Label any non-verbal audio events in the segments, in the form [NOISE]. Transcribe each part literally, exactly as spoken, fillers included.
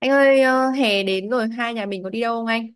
Anh ơi, ờ, hè đến rồi, hai nhà mình có đi đâu không anh?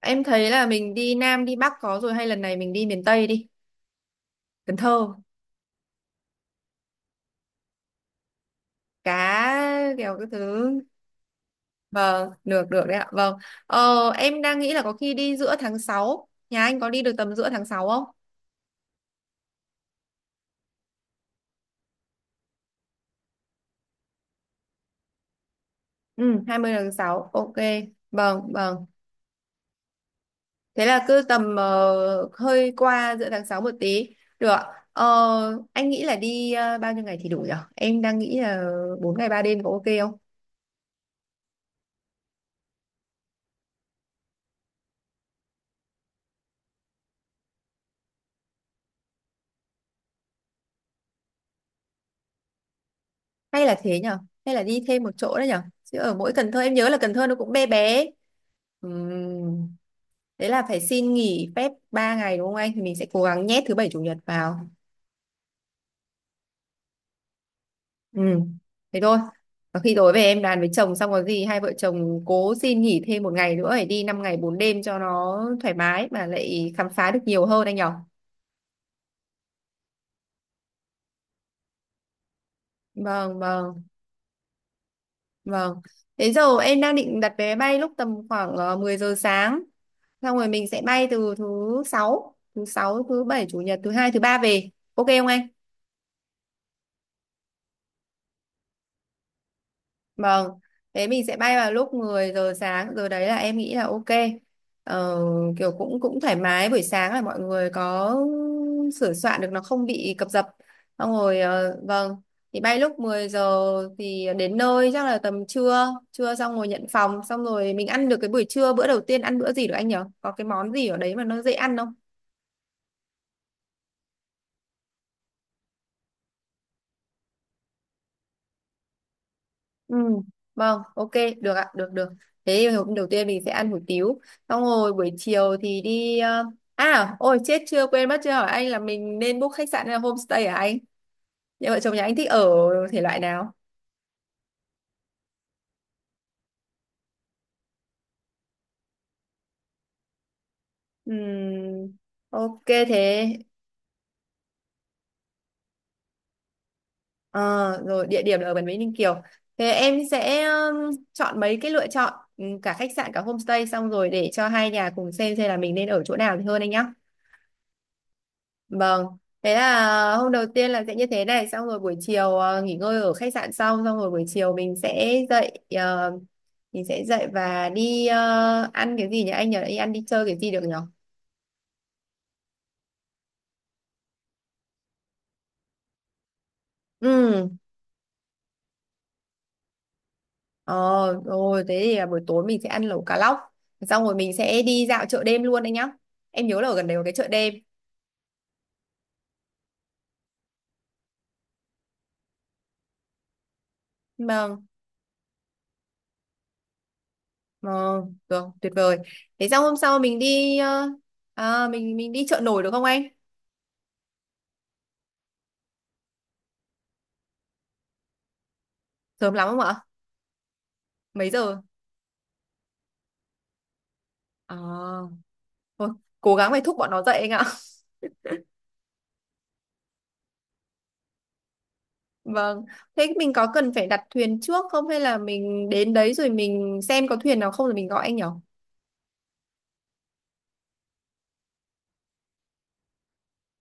Em thấy là mình đi Nam, đi Bắc có rồi, hay lần này mình đi miền Tây đi. Cần Thơ, cá, kiểu cái thứ. Vâng, được, được đấy ạ. Vâng. Ờ, em đang nghĩ là có khi đi giữa tháng sáu. Nhà anh có đi được tầm giữa tháng sáu không? Ừ, hai mươi tháng sáu. Ok. Vâng, vâng. Thế là cứ tầm ờ, hơi qua giữa tháng sáu một tí. Được ạ. Ờ, anh nghĩ là đi ờ, bao nhiêu ngày thì đủ nhở? Em đang nghĩ là bốn ngày ba đêm có ok không? Hay là thế nhở, hay là đi thêm một chỗ đấy nhở, chứ ở mỗi Cần Thơ em nhớ là Cần Thơ nó cũng bé bé. Ừm, Đấy là phải xin nghỉ phép ba ngày đúng không anh, thì mình sẽ cố gắng nhét thứ bảy chủ nhật vào. Ừ. Thế thôi, và khi tối về em đàn với chồng, xong có gì hai vợ chồng cố xin nghỉ thêm một ngày nữa để đi năm ngày bốn đêm cho nó thoải mái mà lại khám phá được nhiều hơn anh nhở. Vâng, vâng. Vâng. Thế giờ em đang định đặt vé máy bay lúc tầm khoảng ờ, mười giờ sáng giờ sáng. Xong rồi mình sẽ bay từ thứ sáu, thứ sáu, thứ bảy, chủ nhật, thứ hai, thứ ba về. Ok không anh? Vâng, thế mình sẽ bay vào lúc mười giờ sáng, rồi đấy là em nghĩ là ok. Ờ, kiểu cũng cũng thoải mái buổi sáng là mọi người có sửa soạn được, nó không bị cập dập. Xong rồi ờ, vâng, thì bay lúc mười giờ thì đến nơi chắc là tầm trưa, trưa xong rồi nhận phòng, xong rồi mình ăn được cái buổi trưa, bữa đầu tiên ăn bữa gì được anh nhỉ? Có cái món gì ở đấy mà nó dễ ăn. Ừ, vâng, ok, được ạ, được được. Thế thì hôm đầu tiên mình sẽ ăn hủ tiếu. Xong rồi buổi chiều thì đi ờ, à, ôi chết, chưa quên mất chưa hỏi anh là mình nên book khách sạn hay là homestay hả anh? Nhà vợ chồng nhà anh thích ở thể loại nào? Ừm, ok thế. Ờ, rồi địa điểm là ở Bản Vĩnh Ninh Kiều. Thế em sẽ ừm, chọn mấy cái lựa chọn, ừm, cả khách sạn cả homestay, xong rồi để cho hai nhà cùng xem xem là mình nên ở chỗ nào thì hơn anh nhá. Vâng, thế là hôm đầu tiên là sẽ như thế này, xong rồi buổi chiều ờ, nghỉ ngơi ở khách sạn xong, xong rồi buổi chiều mình sẽ dậy, ờ, mình sẽ dậy và đi ờ, ăn cái gì nhỉ? Anh nhờ đi ăn đi chơi cái gì được nhỉ? Ừ, ờ, rồi thế thì là buổi tối mình sẽ ăn lẩu cá lóc, xong rồi mình sẽ đi dạo chợ đêm luôn anh nhá. Em nhớ là ở gần đấy có cái chợ đêm. Vâng, vâng, được, tuyệt vời. Thế xong hôm sau mình đi, ờ, à, mình mình đi chợ nổi được không anh? Sớm lắm không ạ? Mấy giờ? À. Thôi, cố gắng phải thúc bọn nó dậy anh ạ. [LAUGHS] Vâng. Thế mình có cần phải đặt thuyền trước không, hay là mình đến đấy rồi mình xem có thuyền nào không rồi mình gọi anh nhỉ?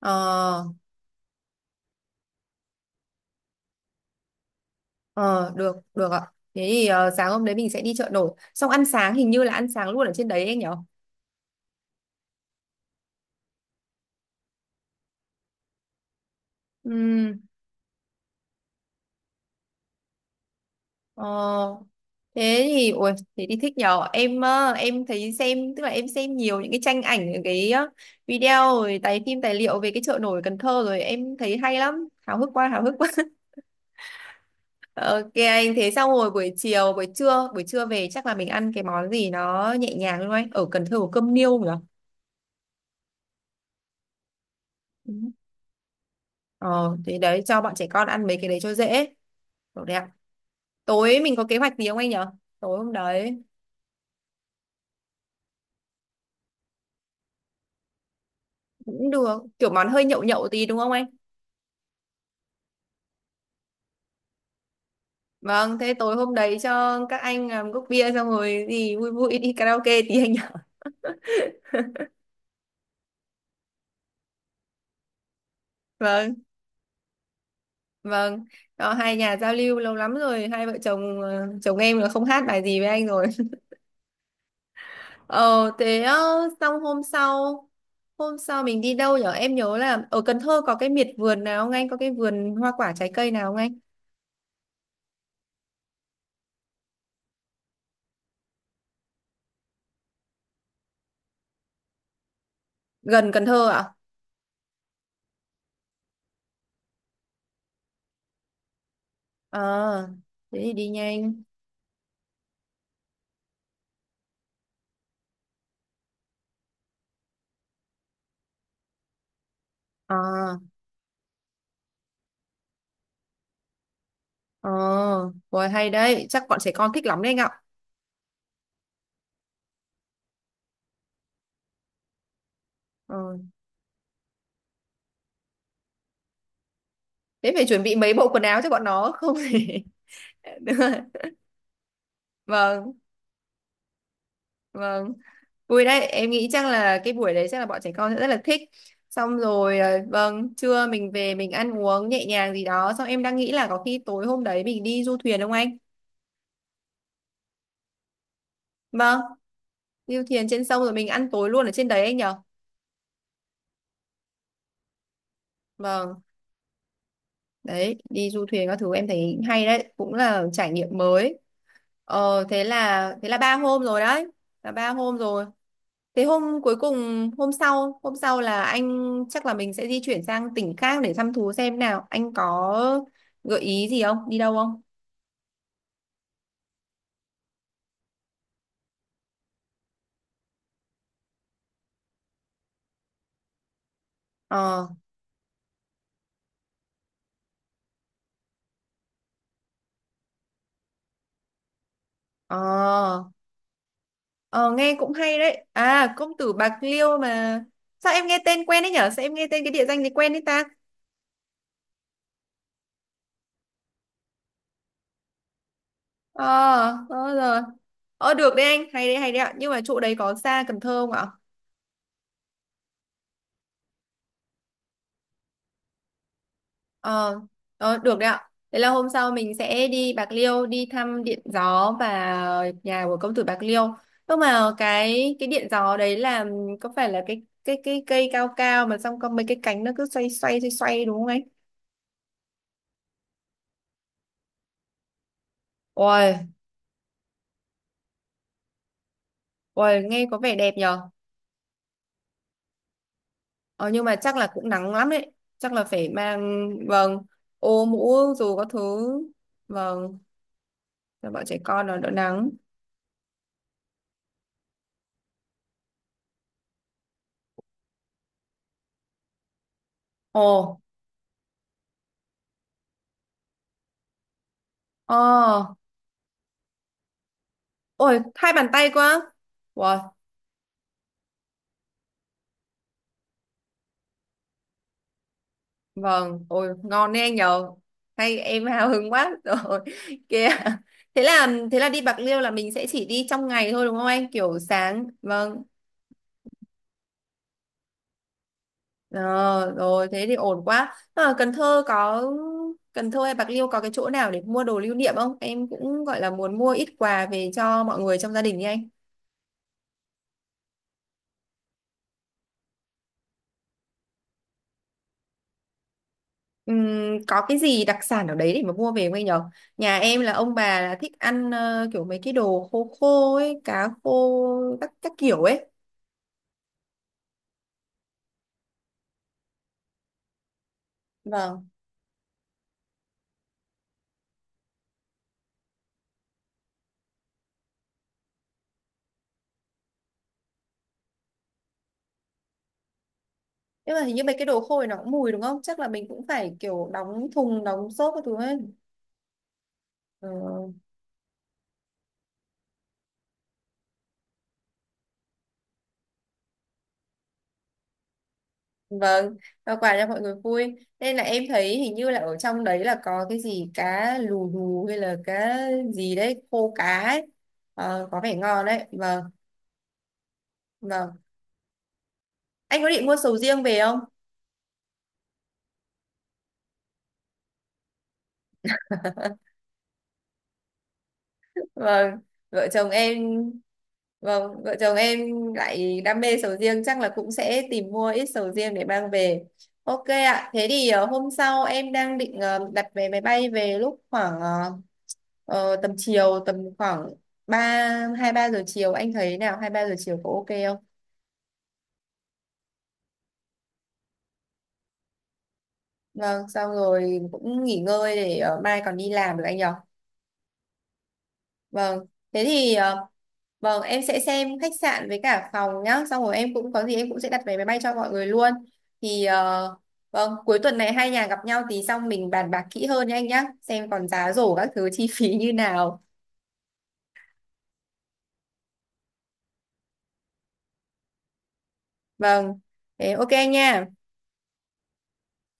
Ờ, ờ, được, được ạ. Thế thì ờ, sáng hôm đấy mình sẽ đi chợ nổi. Xong ăn sáng, hình như là ăn sáng luôn ở trên đấy anh nhỉ? Ừm, ờ, thế thì, ui, thế thì thích nhờ. Em ờ, em thấy xem, tức là em xem nhiều những cái tranh ảnh, những cái ờ, video, rồi tài phim, tài liệu về cái chợ nổi Cần Thơ, rồi em thấy hay lắm. Háo hức quá, háo hức. Ok anh, thế xong rồi buổi chiều buổi trưa buổi trưa về chắc là mình ăn cái món gì nó nhẹ nhàng đúng không anh? Ở Cần Thơ có cơm niêu nhỉ? Ừ. ờ Thế đấy, cho bọn trẻ con ăn mấy cái đấy cho dễ. Được đấy ạ. Tối mình có kế hoạch gì không anh nhỉ, tối hôm đấy? Cũng được, kiểu món hơi nhậu nhậu tí đúng không anh? Vâng, thế tối hôm đấy cho các anh làm cốc bia, xong rồi gì vui vui đi karaoke tí anh nhỉ. [LAUGHS] Vâng, vâng. Đó, hai nhà giao lưu lâu lắm rồi, hai vợ chồng, ờ, chồng em là không hát bài gì với anh rồi. Ờ thế ờ, xong hôm sau hôm sau mình đi đâu nhở? Em nhớ là ở Cần Thơ có cái miệt vườn nào không anh, có cái vườn hoa quả trái cây nào không anh? Gần Cần Thơ ạ? ờ Thế thì đi nhanh. Ờ, ờ, rồi, hay đấy, chắc bọn trẻ con thích lắm đấy anh ạ. ờ Thế phải chuẩn bị mấy bộ quần áo cho bọn nó không thì. [LAUGHS] Đúng rồi. Vâng, vâng. Vui đấy, em nghĩ chắc là cái buổi đấy chắc là bọn trẻ con sẽ rất là thích. Xong rồi, ờ, vâng, trưa mình về mình ăn uống nhẹ nhàng gì đó. Xong em đang nghĩ là có khi tối hôm đấy mình đi du thuyền không anh? Vâng, đi du thuyền trên sông rồi mình ăn tối luôn ở trên đấy anh nhở? Vâng, đấy, đi du thuyền các thứ em thấy hay đấy, cũng là trải nghiệm mới. Ờ, thế là thế là ba hôm rồi đấy, là ba hôm rồi. Thế hôm cuối cùng, hôm sau hôm sau là anh, chắc là mình sẽ di chuyển sang tỉnh khác để thăm thú, xem nào anh có gợi ý gì không, đi đâu không? ờ ờ ờ Nghe cũng hay đấy, à công tử Bạc Liêu mà. Sao em nghe tên quen đấy nhở, sao em nghe tên cái địa danh này quen đấy ta? Ờ, ờ, rồi. Ờ được đấy anh, hay đấy, hay đấy ạ, nhưng mà chỗ đấy có xa Cần Thơ không ạ? Ờ, ờ, được đấy ạ. Thế là hôm sau mình sẽ đi Bạc Liêu đi thăm Điện Gió và nhà của công tử Bạc Liêu. Nhưng mà cái cái Điện Gió đấy là, ừ, có phải là cái cái cái cây cao cao mà xong có mấy cái cánh nó cứ xoay xoay xoay xoay đúng không ấy? Ôi, ôi nghe có vẻ đẹp nhờ. Ờ, nhưng mà chắc là cũng nắng lắm đấy. Chắc là phải mang, vâng, ô mũ dù có thứ, vâng, cho bọn trẻ con nó đỡ nắng. Ồ, ờ, ôi hai bàn tay quá. Wow, vâng, ôi ngon đấy anh nhờ. Hay em hào hứng quá rồi. [LAUGHS] Kìa. Thế là thế là đi Bạc Liêu là mình sẽ chỉ đi trong ngày thôi đúng không anh? Kiểu sáng. Vâng. Ờ, rồi thế thì ổn quá. Ờ, Cần Thơ có Cần Thơ hay Bạc Liêu có cái chỗ nào để mua đồ lưu niệm không? Em cũng gọi là muốn mua ít quà về cho mọi người trong gia đình đi anh. Ừm, có cái gì đặc sản ở đấy để mà mua về không anh nhờ? Nhà em là ông bà là thích ăn ờ, kiểu mấy cái đồ khô khô ấy, cá khô các các kiểu ấy. Vâng. Nhưng mà hình như mấy cái đồ khô này nó cũng mùi đúng không, chắc là mình cũng phải kiểu đóng thùng đóng xốp các thứ ấy. Ừ. Vâng, và quà cho mọi người vui, nên là em thấy hình như là ở trong đấy là có cái gì cá lù lù hay là cá gì đấy, khô cá ấy. Ờ, có vẻ ngon đấy, vâng. Vâng. Anh có định mua sầu riêng về không? Vâng, vợ chồng em. Vâng, vợ chồng em lại đam mê sầu riêng, chắc là cũng sẽ tìm mua ít sầu riêng để mang về. Ok ạ, thế thì ờ, hôm sau em đang định ờ, đặt vé máy bay về lúc khoảng ờ, ờ, tầm chiều, tầm khoảng ba hai ba giờ chiều, anh thấy nào, hai ba giờ chiều có ok không? Vâng, xong rồi cũng nghỉ ngơi để ờ, mai còn đi làm được anh nhỉ. Vâng, thế thì ờ, vâng em sẽ xem khách sạn với cả phòng nhá, xong rồi em cũng có gì em cũng sẽ đặt vé máy bay cho mọi người luôn. Thì ờ, vâng, cuối tuần này hai nhà gặp nhau thì xong mình bàn bạc kỹ hơn nha anh nhá, xem còn giá rổ các thứ chi phí như nào. Vâng, thế ok anh nha.